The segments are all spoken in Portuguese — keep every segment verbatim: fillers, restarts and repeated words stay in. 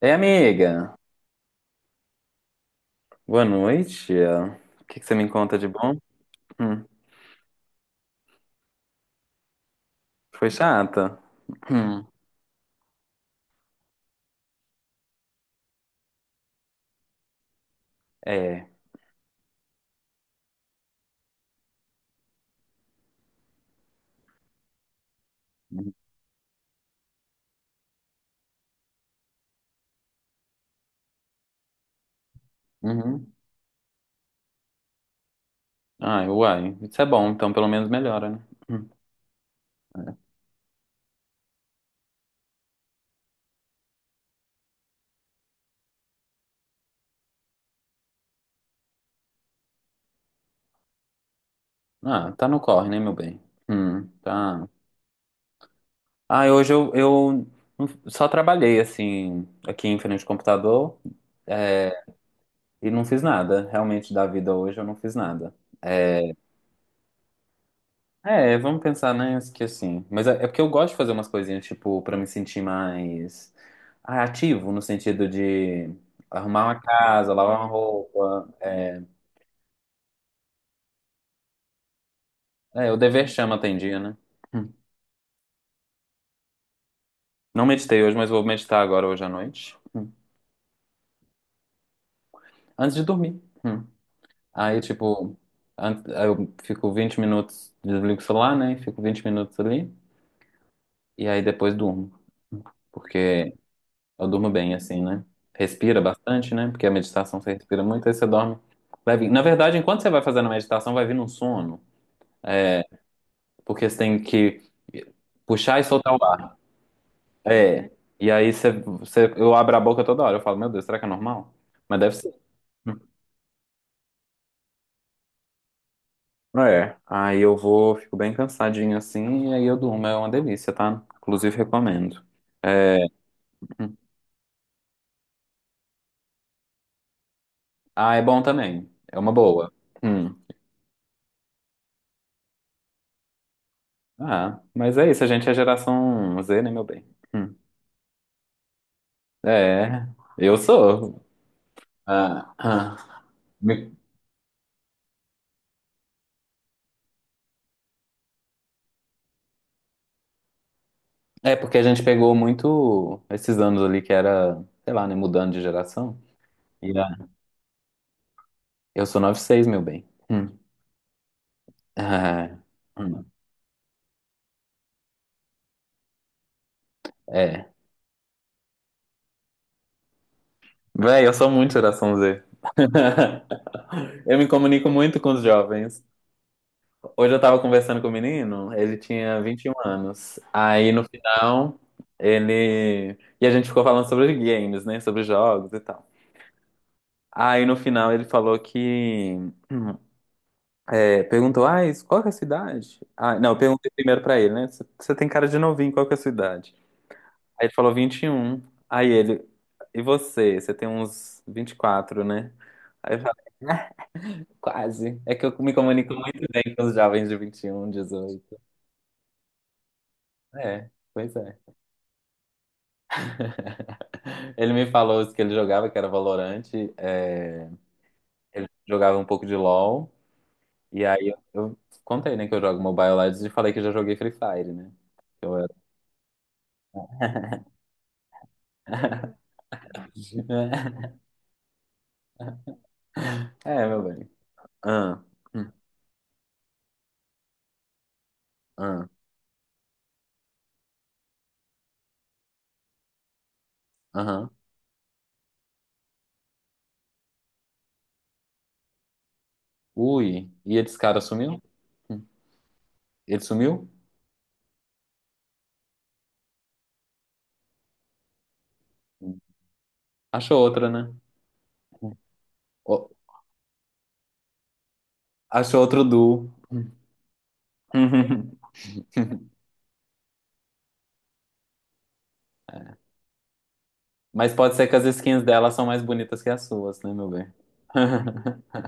Ei, amiga. Boa noite. O que que você me conta de bom? Hum, Foi chata? Hum, é. Uhum. Uhum. Ai, uai. Isso é bom, então pelo menos melhora, né? Hum. Ah, tá no corre, né, meu bem? Hum, tá. Ah, hoje eu, eu só trabalhei, assim, aqui em frente ao computador, é, e não fiz nada. Realmente, da vida hoje eu não fiz nada. É, vamos pensar, né, que assim. Mas é, é porque eu gosto de fazer umas coisinhas, tipo, pra me sentir mais ah, ativo, no sentido de arrumar uma casa, lavar uma roupa. É, o dever chama tem dia, né? Hum. Não meditei hoje, mas vou meditar agora, hoje à noite. Hum. Antes de dormir. Hum. Aí, tipo, an- aí eu fico vinte minutos, desligo o celular, né? Fico vinte minutos ali. E aí depois durmo. Porque eu durmo bem assim, né? Respira bastante, né? Porque a meditação você respira muito, aí você dorme leve. Na verdade, enquanto você vai fazendo a meditação, vai vir um sono. É, porque você tem que puxar e soltar o ar. É. E aí você, você- eu abro a boca toda hora. Eu falo, meu Deus, será que é normal? Mas deve ser. É. Aí eu vou, fico bem cansadinho assim, e aí eu durmo. É uma delícia, tá? Inclusive, recomendo. É. Ah, é bom também. É uma boa. Hum. Ah, mas é isso, a gente é geração Z, né, meu bem? Hum. É, eu sou. Ah, ah. Me- É porque a gente pegou muito esses anos ali que era, sei lá, né, mudando de geração. E, ah, eu sou noventa e seis, meu bem. Hum. Ah, hum, é. Véi, eu sou muito geração Z. Eu me comunico muito com os jovens. Hoje eu tava conversando com o menino, ele tinha vinte e um anos. Aí no final, ele. E a gente ficou falando sobre games, né? Sobre jogos e tal. Aí no final ele falou que. hum, é, Perguntou, ah, isso- qual que é a cidade? Ah, não, eu perguntei primeiro pra ele, né? Você tem cara de novinho, qual que é a sua idade? Aí ele falou vinte e um. Aí ele, e você? Você tem uns vinte e quatro, né? Aí eu falei, "Ah, quase. É que eu me comunico muito bem com os jovens de vinte e um, dezoito. É, pois é." Ele me falou que ele jogava, que era Valorante. É, ele jogava um pouco de LoL. E aí eu, eu contei, né, que eu jogo Mobile Legends e falei que eu já joguei Free Fire, né? Eu era- É, meu bem. Ah, hum, ah, aham. Ui, e esse cara sumiu? Hum, Ele sumiu? Hum. Achou outra, né? Ó, achou outro duo. Hum. Mas pode ser que as skins dela são mais bonitas que as suas, né, meu bem?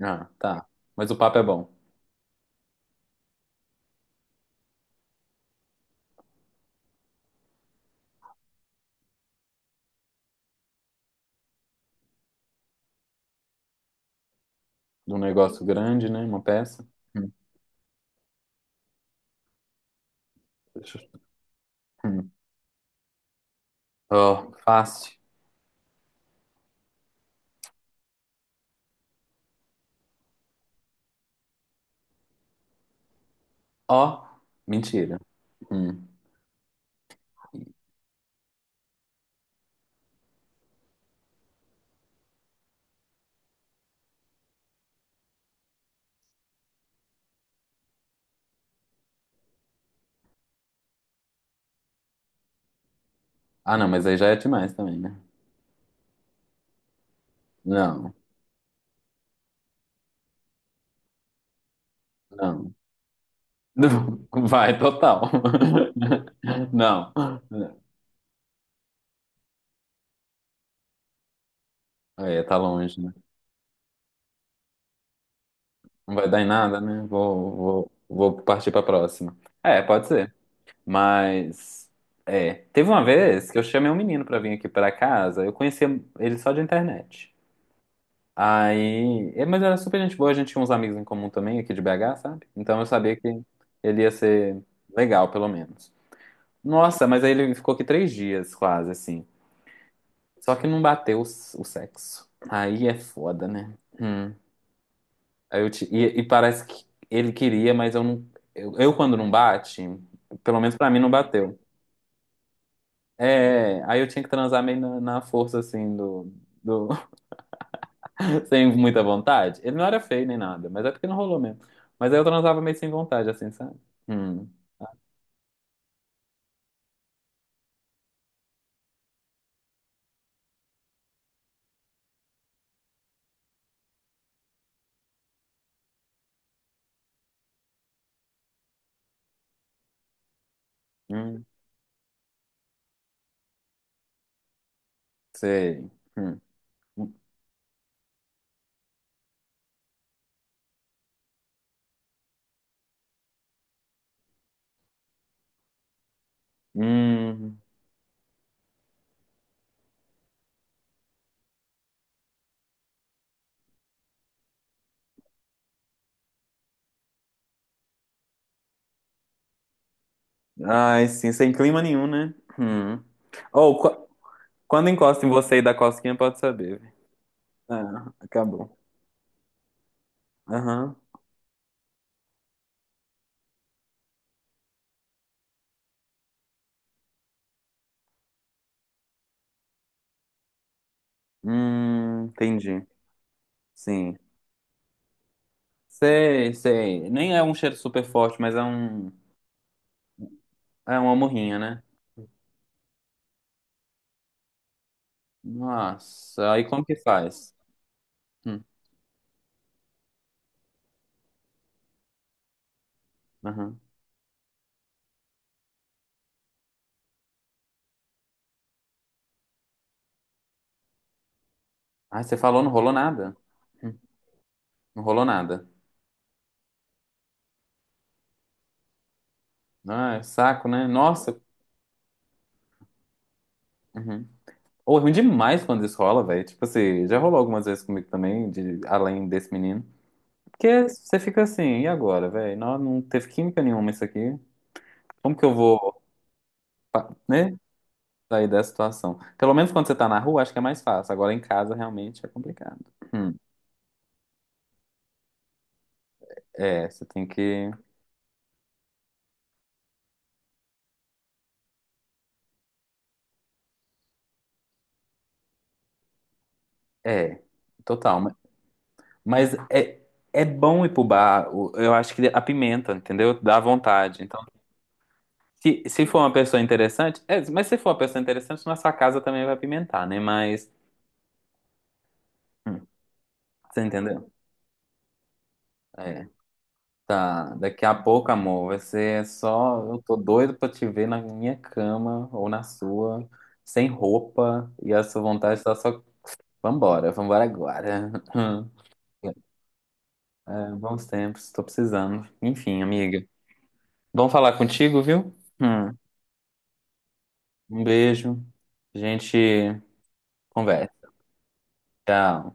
Ah, tá. Mas o papo é bom. Um negócio grande, né? Uma peça. Hum. Hum. Ó, fácil. Ó, mentira. Hum. Ah, não, mas aí já é demais também, né? Não, não. Vai, total. Não. É, tá longe, né? Não vai dar em nada, né? Vou, vou, vou partir pra próxima. É, pode ser. Mas, é. Teve uma vez que eu chamei um menino pra vir aqui pra casa. Eu conhecia ele só de internet. Aí, é, mas era super gente boa, a gente tinha uns amigos em comum também aqui de B H, sabe? Então eu sabia que ele ia ser legal, pelo menos. Nossa, mas aí ele ficou aqui três dias, quase, assim. Só que não bateu o, s- o sexo. Aí é foda, né? Hum. Aí eu te- e, e parece que ele queria, mas eu não. Eu, eu, quando não bate, pelo menos pra mim não bateu. É, aí eu tinha que transar meio na, na força, assim, do, do, sem muita vontade. Ele não era feio nem nada, mas é porque não rolou mesmo. Mas aí eu transava meio sem vontade, assim, sabe? Hum, hum, sei. Hum, hum. Ai, sim, sem clima nenhum, né? Hum. Ou qu- quando encosta em você e dá cosquinha, pode saber. Ah, acabou. Aham. Hum, entendi. Sim. Sei, sei. Nem é um cheiro super forte, mas é um. É uma morrinha, né? Nossa, aí como que faz? Hum, aham. Ah, você falou, não rolou nada? Hum. Não rolou nada. Ah, é saco, né? Nossa. Uhum. Ou é ruim demais quando isso rola, velho. Tipo assim, já rolou algumas vezes comigo também, de, além desse menino. Porque você fica assim, e agora, velho? Não, não teve química nenhuma isso aqui. Como que eu vou, pa- né, sair dessa situação? Pelo menos quando você tá na rua, acho que é mais fácil. Agora em casa, realmente, é complicado. Hum, É, você tem que. É, total. ma- Mas é, é bom ir pro bar. o- Eu acho que apimenta, entendeu? Dá vontade. Se, se for uma pessoa interessante, é, mas se for uma pessoa interessante, nossa casa também vai pimentar, né? Mas, hum, você entendeu? É, tá. Daqui a pouco, amor, vai ser só. Eu tô doido pra te ver na minha cama ou na sua, sem roupa, e a sua vontade tá só. Vambora, vambora agora. É, bons tempos, tô precisando. Enfim, amiga. Bom falar contigo, viu? Hum, um beijo. A gente conversa. Tchau.